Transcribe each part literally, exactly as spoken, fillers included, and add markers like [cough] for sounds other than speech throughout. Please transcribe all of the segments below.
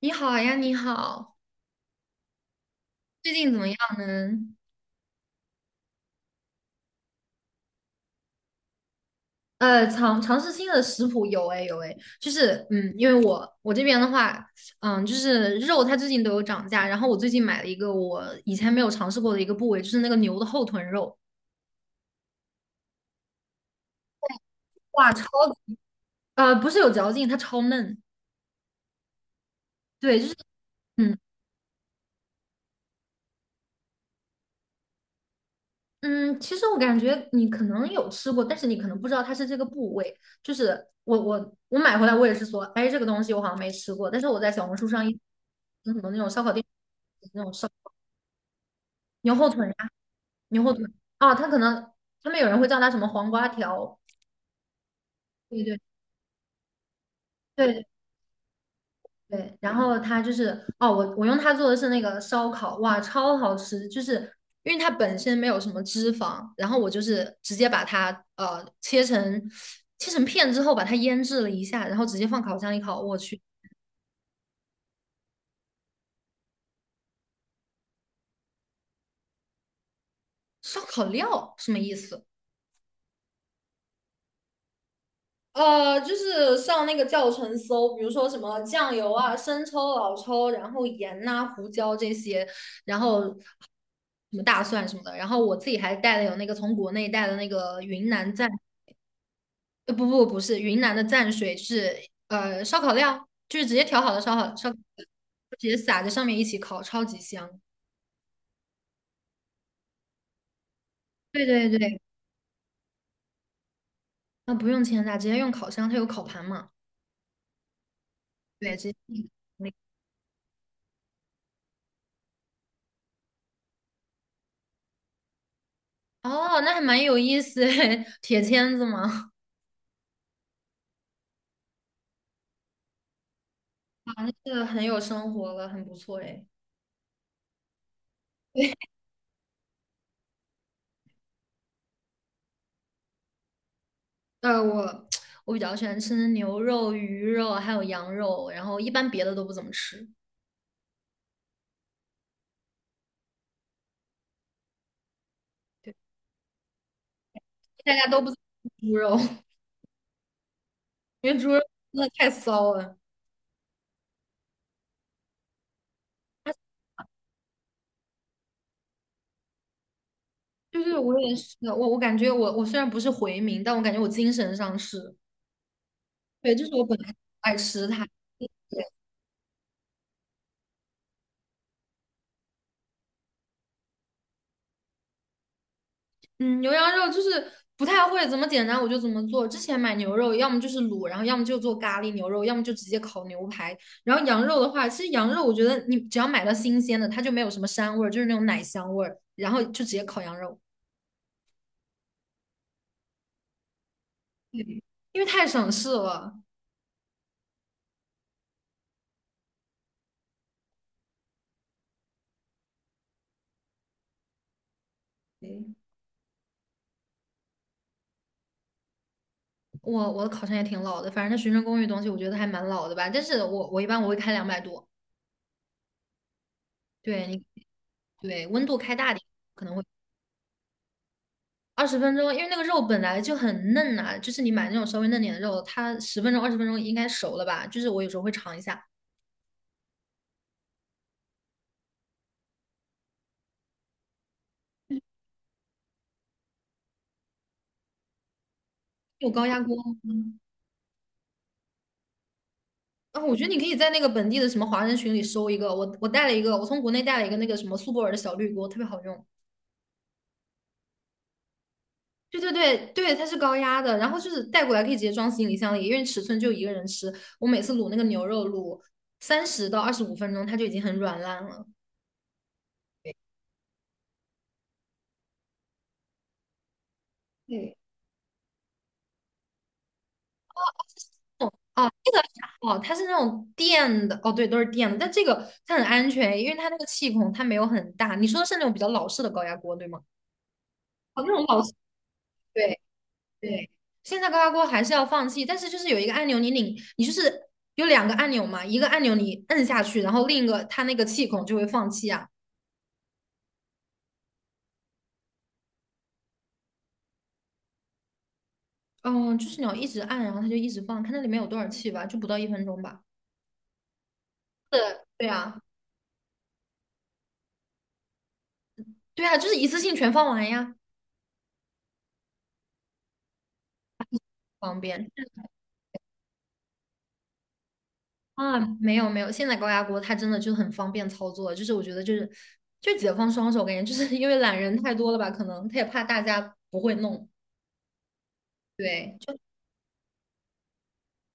你好啊呀，你好，最近怎么样呢？呃，尝尝试新的食谱有哎有哎，就是嗯，因为我我这边的话，嗯，就是肉它最近都有涨价，然后我最近买了一个我以前没有尝试过的一个部位，就是那个牛的后臀肉。哇，超呃不是有嚼劲，它超嫩，对，就是。嗯。嗯，其实我感觉你可能有吃过，但是你可能不知道它是这个部位。就是我我我买回来，我也是说，哎，这个东西我好像没吃过，但是我在小红书上一很多那种烧烤店，那种烧牛后腿啊，牛后腿啊，它可能他们有人会叫它什么黄瓜条。对对对对。然后它就是哦，我我用它做的是那个烧烤，哇，超好吃！就是因为它本身没有什么脂肪，然后我就是直接把它呃切成切成片之后，把它腌制了一下，然后直接放烤箱里烤。我去。烧烤料什么意思？呃，就是上那个教程搜，比如说什么酱油啊、生抽、老抽，然后盐呐、胡椒这些，然后什么大蒜什么的。然后我自己还带了有那个从国内带的那个云南蘸呃，不不不是，云南的蘸水是呃烧烤料，就是直接调好的烧烤烧烤料直接撒在上面一起烤，超级香。对对对。那不用煎炸，直接用烤箱，它有烤盘嘛。对，直接个哦，那还蛮有意思诶，[laughs] 铁签子嘛，啊，那这很有生活了，很不错诶。呃，我 [tsk] 我比较喜欢吃牛肉、鱼肉还有羊肉，然后一般别的都不怎么吃。对，大家都不怎么吃猪肉，[laughs] 因为猪肉真的太骚了。对对，我也是我我感觉我我虽然不是回民，但我感觉我精神上是，对，就是我本来爱吃它。对嗯，牛羊肉就是不太会怎么简单，我就怎么做。之前买牛肉，要么就是卤，然后要么就做咖喱牛肉，要么就直接烤牛排。然后羊肉的话，其实羊肉我觉得你只要买到新鲜的，它就没有什么膻味儿，就是那种奶香味儿，然后就直接烤羊肉。对，因为太省事了。对，我我的烤箱也挺老的，反正它学生公寓东西我觉得还蛮老的吧，但是我我一般我会开两百多。对，你对温度开大点，可能会二十分钟，因为那个肉本来就很嫩呐、就是你买那种稍微嫩点的肉，它十分钟、二十分钟应该熟了吧？就是我有时候会尝一下。有高压锅吗？啊，我觉得你可以在那个本地的什么华人群里搜一个。我我带了一个，我从国内带了一个那个什么苏泊尔的小绿锅，特别好用。对对对对，它是高压的，然后就是带过来可以直接装行李箱里，因为尺寸就一个人吃。我每次卤那个牛肉卤三十到二十五分钟，它就已经很软烂了。对，哦，这个还好，它是那种电的，哦，对，都是电的，但这个它很安全，因为它那个气孔它没有很大。你说的是那种比较老式的高压锅，对吗？哦，那种老式，对对。现在高压锅还是要放气，但是就是有一个按钮，你拧，你就是有两个按钮嘛，一个按钮你摁下去，然后另一个它那个气孔就会放气啊。嗯，就是你要一直按，然后它就一直放，看它里面有多少气吧，就不到一分钟吧。是，对啊，对啊，就是一次性全放完呀，方便。啊，没有没有，现在高压锅它真的就很方便操作，就是我觉得就是就解放双手，感觉就是因为懒人太多了吧，可能他也怕大家不会弄。对，就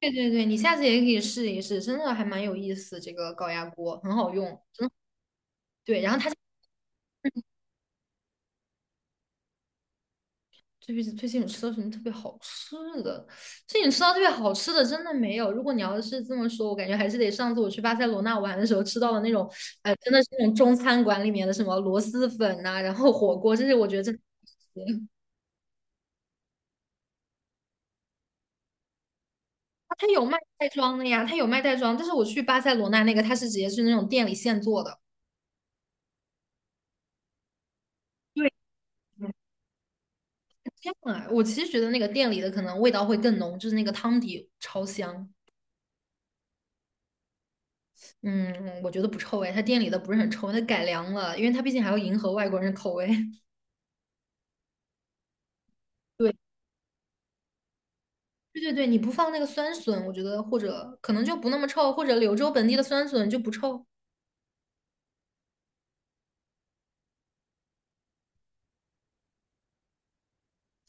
对对对，你下次也可以试一试，真的还蛮有意思，这个高压锅很好用，真的。对，然后它最近最近有吃到什么特别好吃的？最近吃到特别好吃的真的没有。如果你要是这么说，我感觉还是得上次我去巴塞罗那玩的时候吃到的那种，呃，真的是那种中餐馆里面的什么螺蛳粉呐、然后火锅，这些我觉得真的。它有卖袋装的呀，它有卖袋装，但是我去巴塞罗那那个，它是直接是那种店里现做的。对，这样啊，我其实觉得那个店里的可能味道会更浓，就是那个汤底超香。嗯，我觉得不臭哎，它店里的不是很臭，它改良了，因为它毕竟还要迎合外国人的口味。[laughs] 对，对对对，你不放那个酸笋，我觉得或者可能就不那么臭，或者柳州本地的酸笋就不臭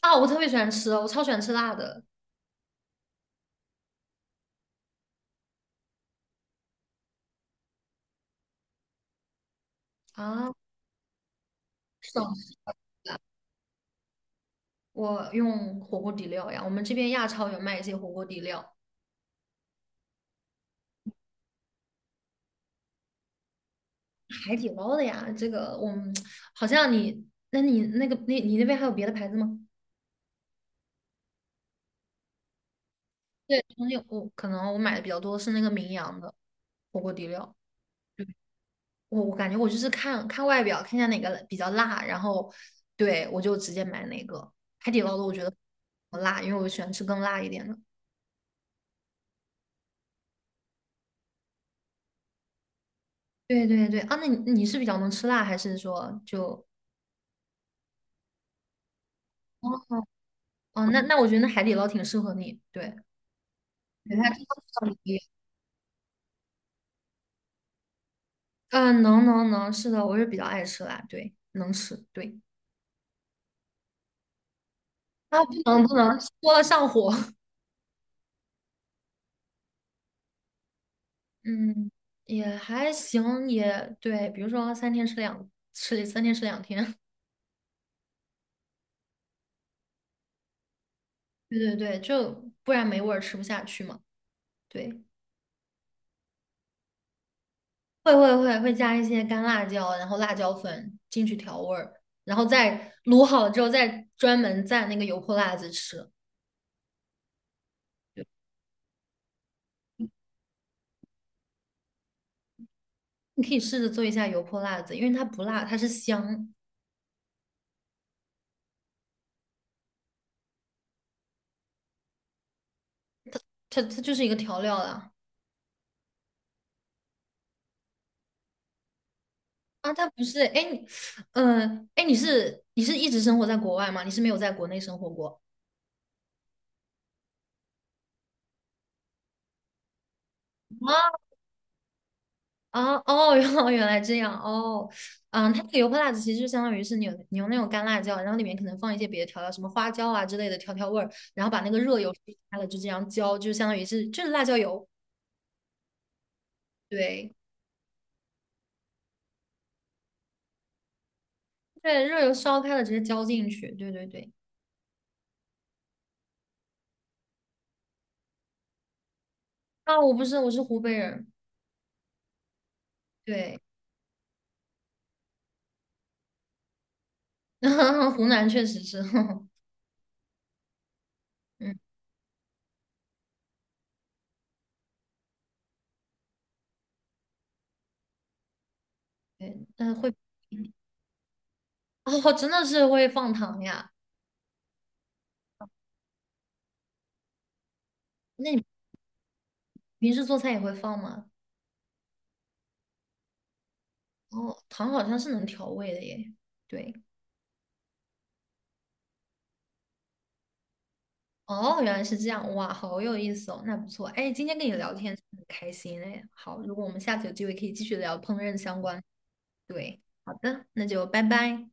啊。我特别喜欢吃，哦，我超喜欢吃辣的啊。是的，我用火锅底料呀，我们这边亚超有卖一些火锅底料。海底捞的呀。这个我们好像你，那你那个那你那边还有别的牌子吗？对，重庆我可能我买的比较多是那个名扬的火锅底料。我我感觉我就是看看外表，看一下哪个比较辣，然后对我就直接买哪个。海底捞的我觉得不辣，因为我喜欢吃更辣一点的。对对对啊，那你你是比较能吃辣，还是说就哦哦，那那我觉得那海底捞挺适合你，对，对它这个嗯，能能能，是的，我是比较爱吃辣，对，能吃，对。啊，不能不能，多了上火。[laughs] 嗯，也还行，也对。比如说三天吃两吃三天吃两天。[laughs] 对对对，就不然没味儿，吃不下去嘛。对，会会会会加一些干辣椒，然后辣椒粉进去调味儿，然后再卤好了之后，再专门蘸那个油泼辣子吃。你可以试着做一下油泼辣子，因为它不辣，它是香，它它就是一个调料啦。啊，他不是，哎，你嗯，哎，你是你是一直生活在国外吗？你是没有在国内生活过？啊啊哦，原来原来这样哦，嗯，它那个油泼辣子其实就相当于是你有你用那种干辣椒，然后里面可能放一些别的调料，什么花椒啊之类的调调味儿，然后把那个热油烧开了就这样浇，就相当于是就是辣椒油。对对，热油烧开了直接浇进去，对对对。啊，我不是，我是湖北人，对，[laughs] 湖南确实是，[laughs] 嗯，对，但是会。哦，真的是会放糖呀？那你平时做菜也会放吗？哦，糖好像是能调味的耶。对，哦，原来是这样，哇，好有意思哦，那不错。哎，今天跟你聊天很开心哎。好，如果我们下次有机会可以继续聊烹饪相关。对，好的，那就拜拜。